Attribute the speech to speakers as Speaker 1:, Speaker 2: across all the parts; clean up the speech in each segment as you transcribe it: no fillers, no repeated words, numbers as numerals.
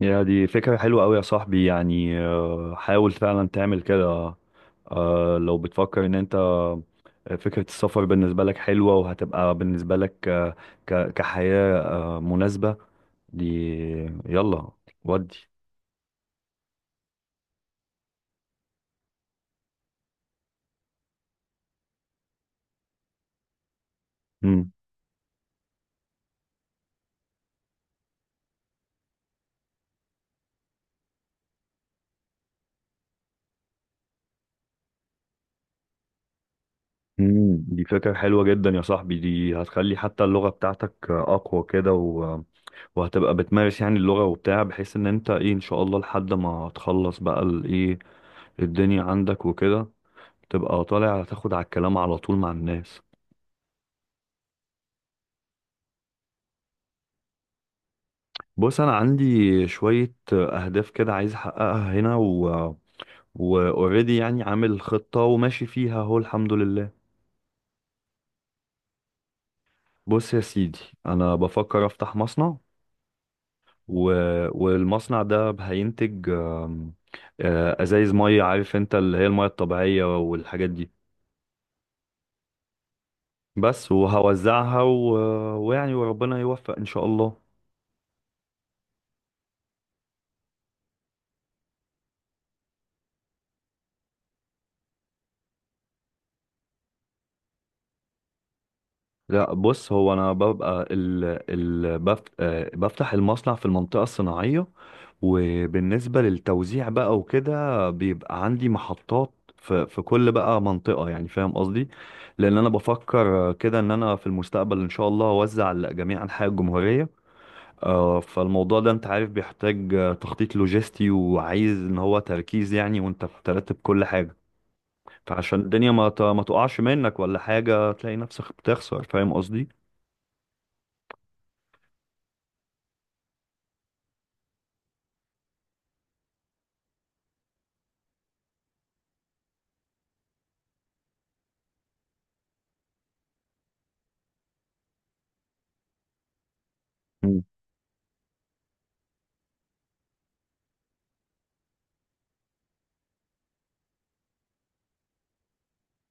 Speaker 1: يا دي فكرة حلوة أوي يا صاحبي يعني حاول فعلا تعمل كده. لو بتفكر إن أنت فكرة السفر بالنسبة لك حلوة، وهتبقى بالنسبة لك كحياة مناسبة. دي يلا ودي. مم. مم. دي فكرة حلوة جدا يا صاحبي، دي هتخلي حتى اللغة بتاعتك أقوى كده. وهتبقى بتمارس يعني اللغة وبتاع، بحيث إن أنت إيه إن شاء الله لحد ما تخلص بقى الإيه الدنيا عندك وكده، تبقى طالع تاخد على الكلام على طول مع الناس. بص انا عندي شوية اهداف كده عايز احققها هنا، واوريدي يعني عامل خطة وماشي فيها اهو، الحمد لله. بص يا سيدي، انا بفكر افتح مصنع. و... والمصنع ده هينتج آم، آه، ازايز مية، عارف انت اللي هي المية الطبيعية والحاجات دي. بس وهوزعها، ويعني وربنا يوفق ان شاء الله. لا بص، هو انا ببقى ال ال بف آه، بفتح المصنع في المنطقه الصناعيه. وبالنسبه للتوزيع بقى وكده، بيبقى عندي محطات في كل بقى منطقه، يعني فاهم قصدي؟ لان انا بفكر كده ان انا في المستقبل ان شاء الله اوزع لجميع انحاء الجمهوريه. فالموضوع ده انت عارف بيحتاج تخطيط لوجستي، وعايز ان هو تركيز يعني وانت بترتب كل حاجه، فعشان الدنيا ما تقعش منك ولا حاجه، تلاقي نفسك بتخسر. فاهم قصدي؟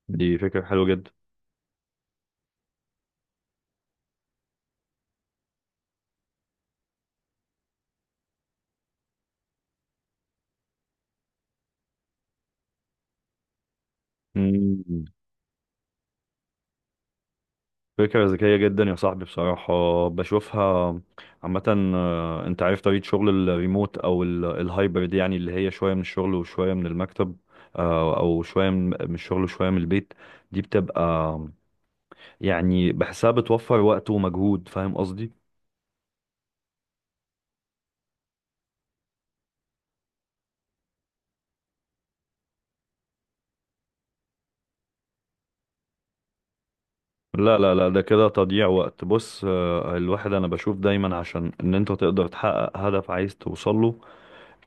Speaker 1: دي فكرة حلوة جدا. مم. فكرة ذكية جدا يا صاحبي بصراحة، بشوفها عامة. انت عارف طريقة شغل الريموت او الهايبرد، يعني اللي هي شوية من الشغل وشوية من المكتب، او شوية من الشغل وشوية من البيت. دي بتبقى يعني بحسها بتوفر وقت ومجهود، فاهم قصدي؟ لا لا لا، ده كده تضييع وقت. بص الواحد انا بشوف دايما عشان ان انت تقدر تحقق هدف عايز توصله،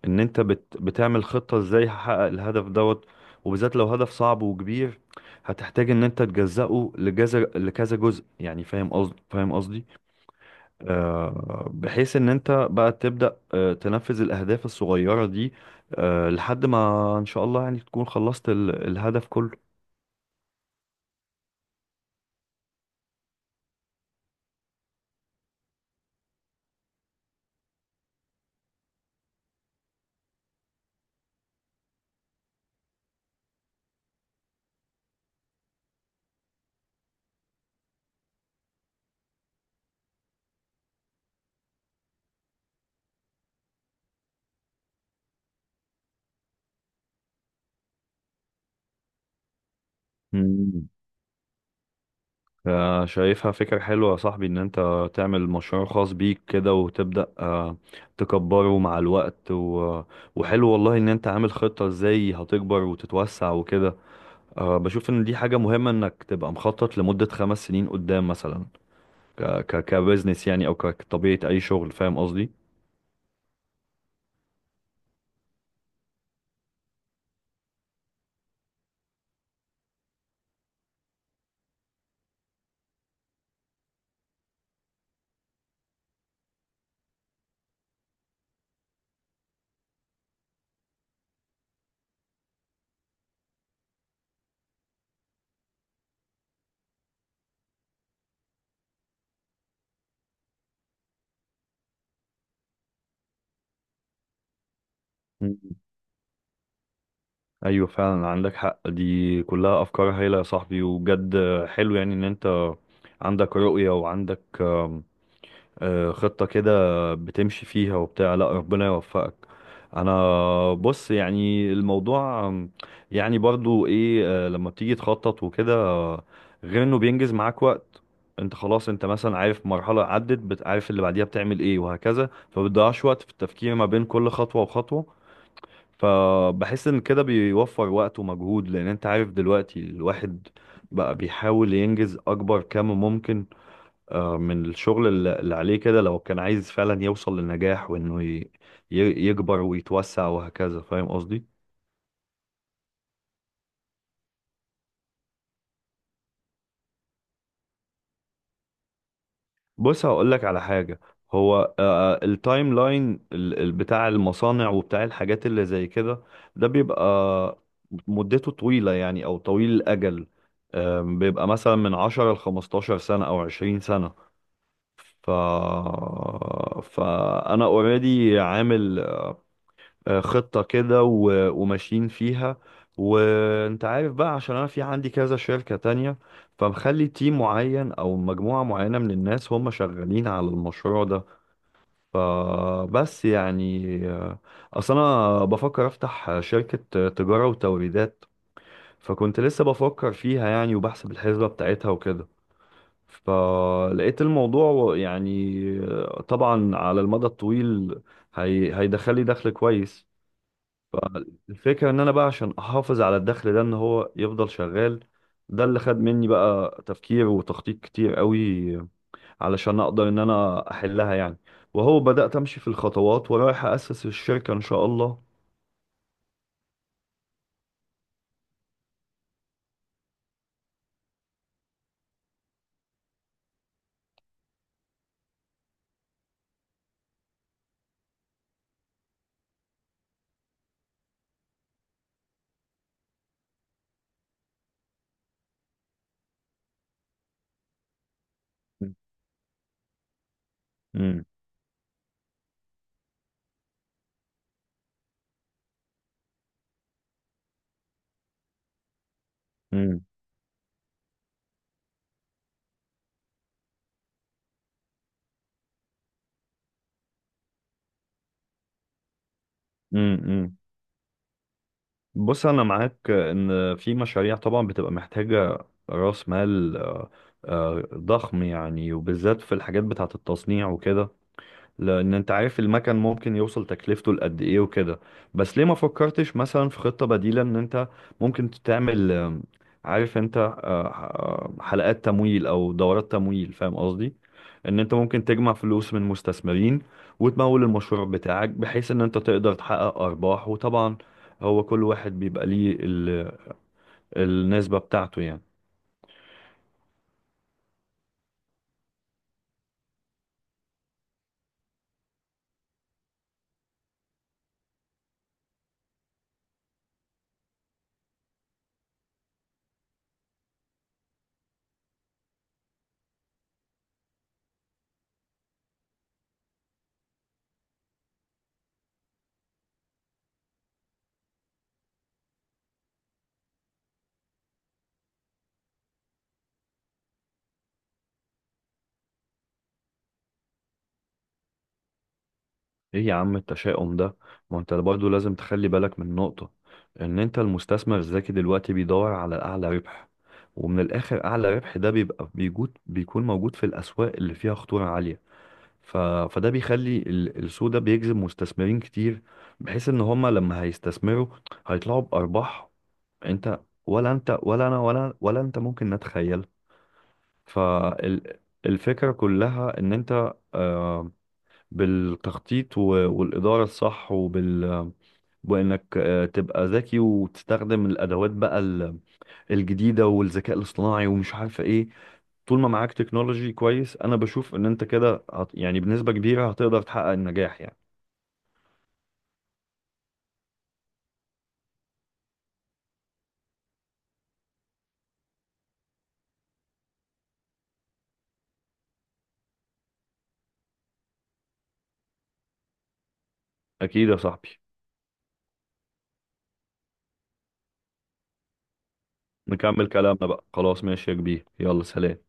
Speaker 1: ان انت بتعمل خطة ازاي هحقق الهدف دوت. وبالذات لو هدف صعب وكبير، هتحتاج ان انت تجزأه لجزء، لكذا جزء يعني. فاهم قصدي؟ فاهم قصدي؟ بحيث ان انت بقى تبدأ تنفذ الاهداف الصغيرة دي لحد ما ان شاء الله يعني تكون خلصت الهدف كله. مم. شايفها فكرة حلوة يا صاحبي، ان انت تعمل مشروع خاص بيك كده، وتبدأ تكبره مع الوقت. وحلو والله ان انت عامل خطة ازاي هتكبر وتتوسع وكده. بشوف ان دي حاجة مهمة انك تبقى مخطط لمدة 5 سنين قدام مثلا، كبزنس يعني، او كطبيعة اي شغل. فاهم قصدي؟ مم. ايوه فعلا عندك حق، دي كلها افكار هايلة يا صاحبي وبجد. حلو يعني ان انت عندك رؤية، وعندك خطة كده بتمشي فيها وبتاع. لا ربنا يوفقك. انا بص يعني الموضوع يعني برضو ايه، لما بتيجي تخطط وكده، غير انه بينجز معاك وقت. انت خلاص، انت مثلا عارف مرحلة عدت، بتعرف اللي بعديها بتعمل ايه وهكذا، فبتضيعش وقت في التفكير ما بين كل خطوة وخطوة. فبحس ان كده بيوفر وقت ومجهود، لان انت عارف دلوقتي الواحد بقى بيحاول ينجز اكبر كم ممكن من الشغل اللي عليه كده، لو كان عايز فعلا يوصل للنجاح، وانه يكبر ويتوسع وهكذا. فاهم قصدي؟ بص هقول لك على حاجة. هو التايم لاين بتاع المصانع وبتاع الحاجات اللي زي كده، ده بيبقى مدته طويلة يعني، او طويل الاجل. بيبقى مثلا من 10 ل 15 سنة او 20 سنة. ف... فانا اوريدي عامل خطة كده وماشيين فيها. وانت عارف بقى، عشان انا في عندي كذا شركة تانية، فمخلي تيم معين او مجموعة معينة من الناس هم شغالين على المشروع ده. فبس يعني، آه، اصل انا بفكر افتح شركة تجارة وتوريدات، فكنت لسه بفكر فيها يعني وبحسب الحسبة بتاعتها وكده، فلقيت الموضوع يعني طبعا على المدى الطويل هيدخلي دخل كويس. الفكرة ان انا بقى عشان احافظ على الدخل ده ان هو يفضل شغال، ده اللي خد مني بقى تفكير وتخطيط كتير قوي علشان اقدر ان انا احلها يعني. وهو بدأت امشي في الخطوات ورايح اسس الشركة ان شاء الله. امم. امم. امم. بص انا معاك ان في مشاريع طبعا بتبقى محتاجة راس مال ضخم يعني، وبالذات في الحاجات بتاعة التصنيع وكده، لان انت عارف المكن ممكن يوصل تكلفته لقد ايه وكده. بس ليه ما فكرتش مثلا في خطة بديلة؟ ان انت ممكن تعمل عارف انت حلقات تمويل او دورات تمويل. فاهم قصدي؟ ان انت ممكن تجمع فلوس من مستثمرين وتمول المشروع بتاعك، بحيث ان انت تقدر تحقق ارباح. وطبعا هو كل واحد بيبقى ليه النسبة بتاعته يعني. ايه يا عم التشاؤم ده؟ ما انت برضه لازم تخلي بالك من نقطة ان انت المستثمر الذكي دلوقتي بيدور على الاعلى ربح، ومن الاخر اعلى ربح ده بيبقى بيجود بيكون موجود في الاسواق اللي فيها خطورة عالية. ف... فده بيخلي السوق ده بيجذب مستثمرين كتير، بحيث ان هما لما هيستثمروا هيطلعوا بارباح. انت ولا انت ولا انا ولا انت ممكن نتخيل. فالفكرة كلها ان انت آه، بالتخطيط والإدارة الصح وإنك تبقى ذكي وتستخدم الأدوات بقى الجديدة والذكاء الاصطناعي، ومش عارفة إيه. طول ما معاك تكنولوجي كويس، أنا بشوف إن أنت كده يعني بنسبة كبيرة هتقدر تحقق النجاح يعني. أكيد يا صاحبي. نكمل كلامنا بقى، خلاص، ماشي يا كبير، يلا سلام.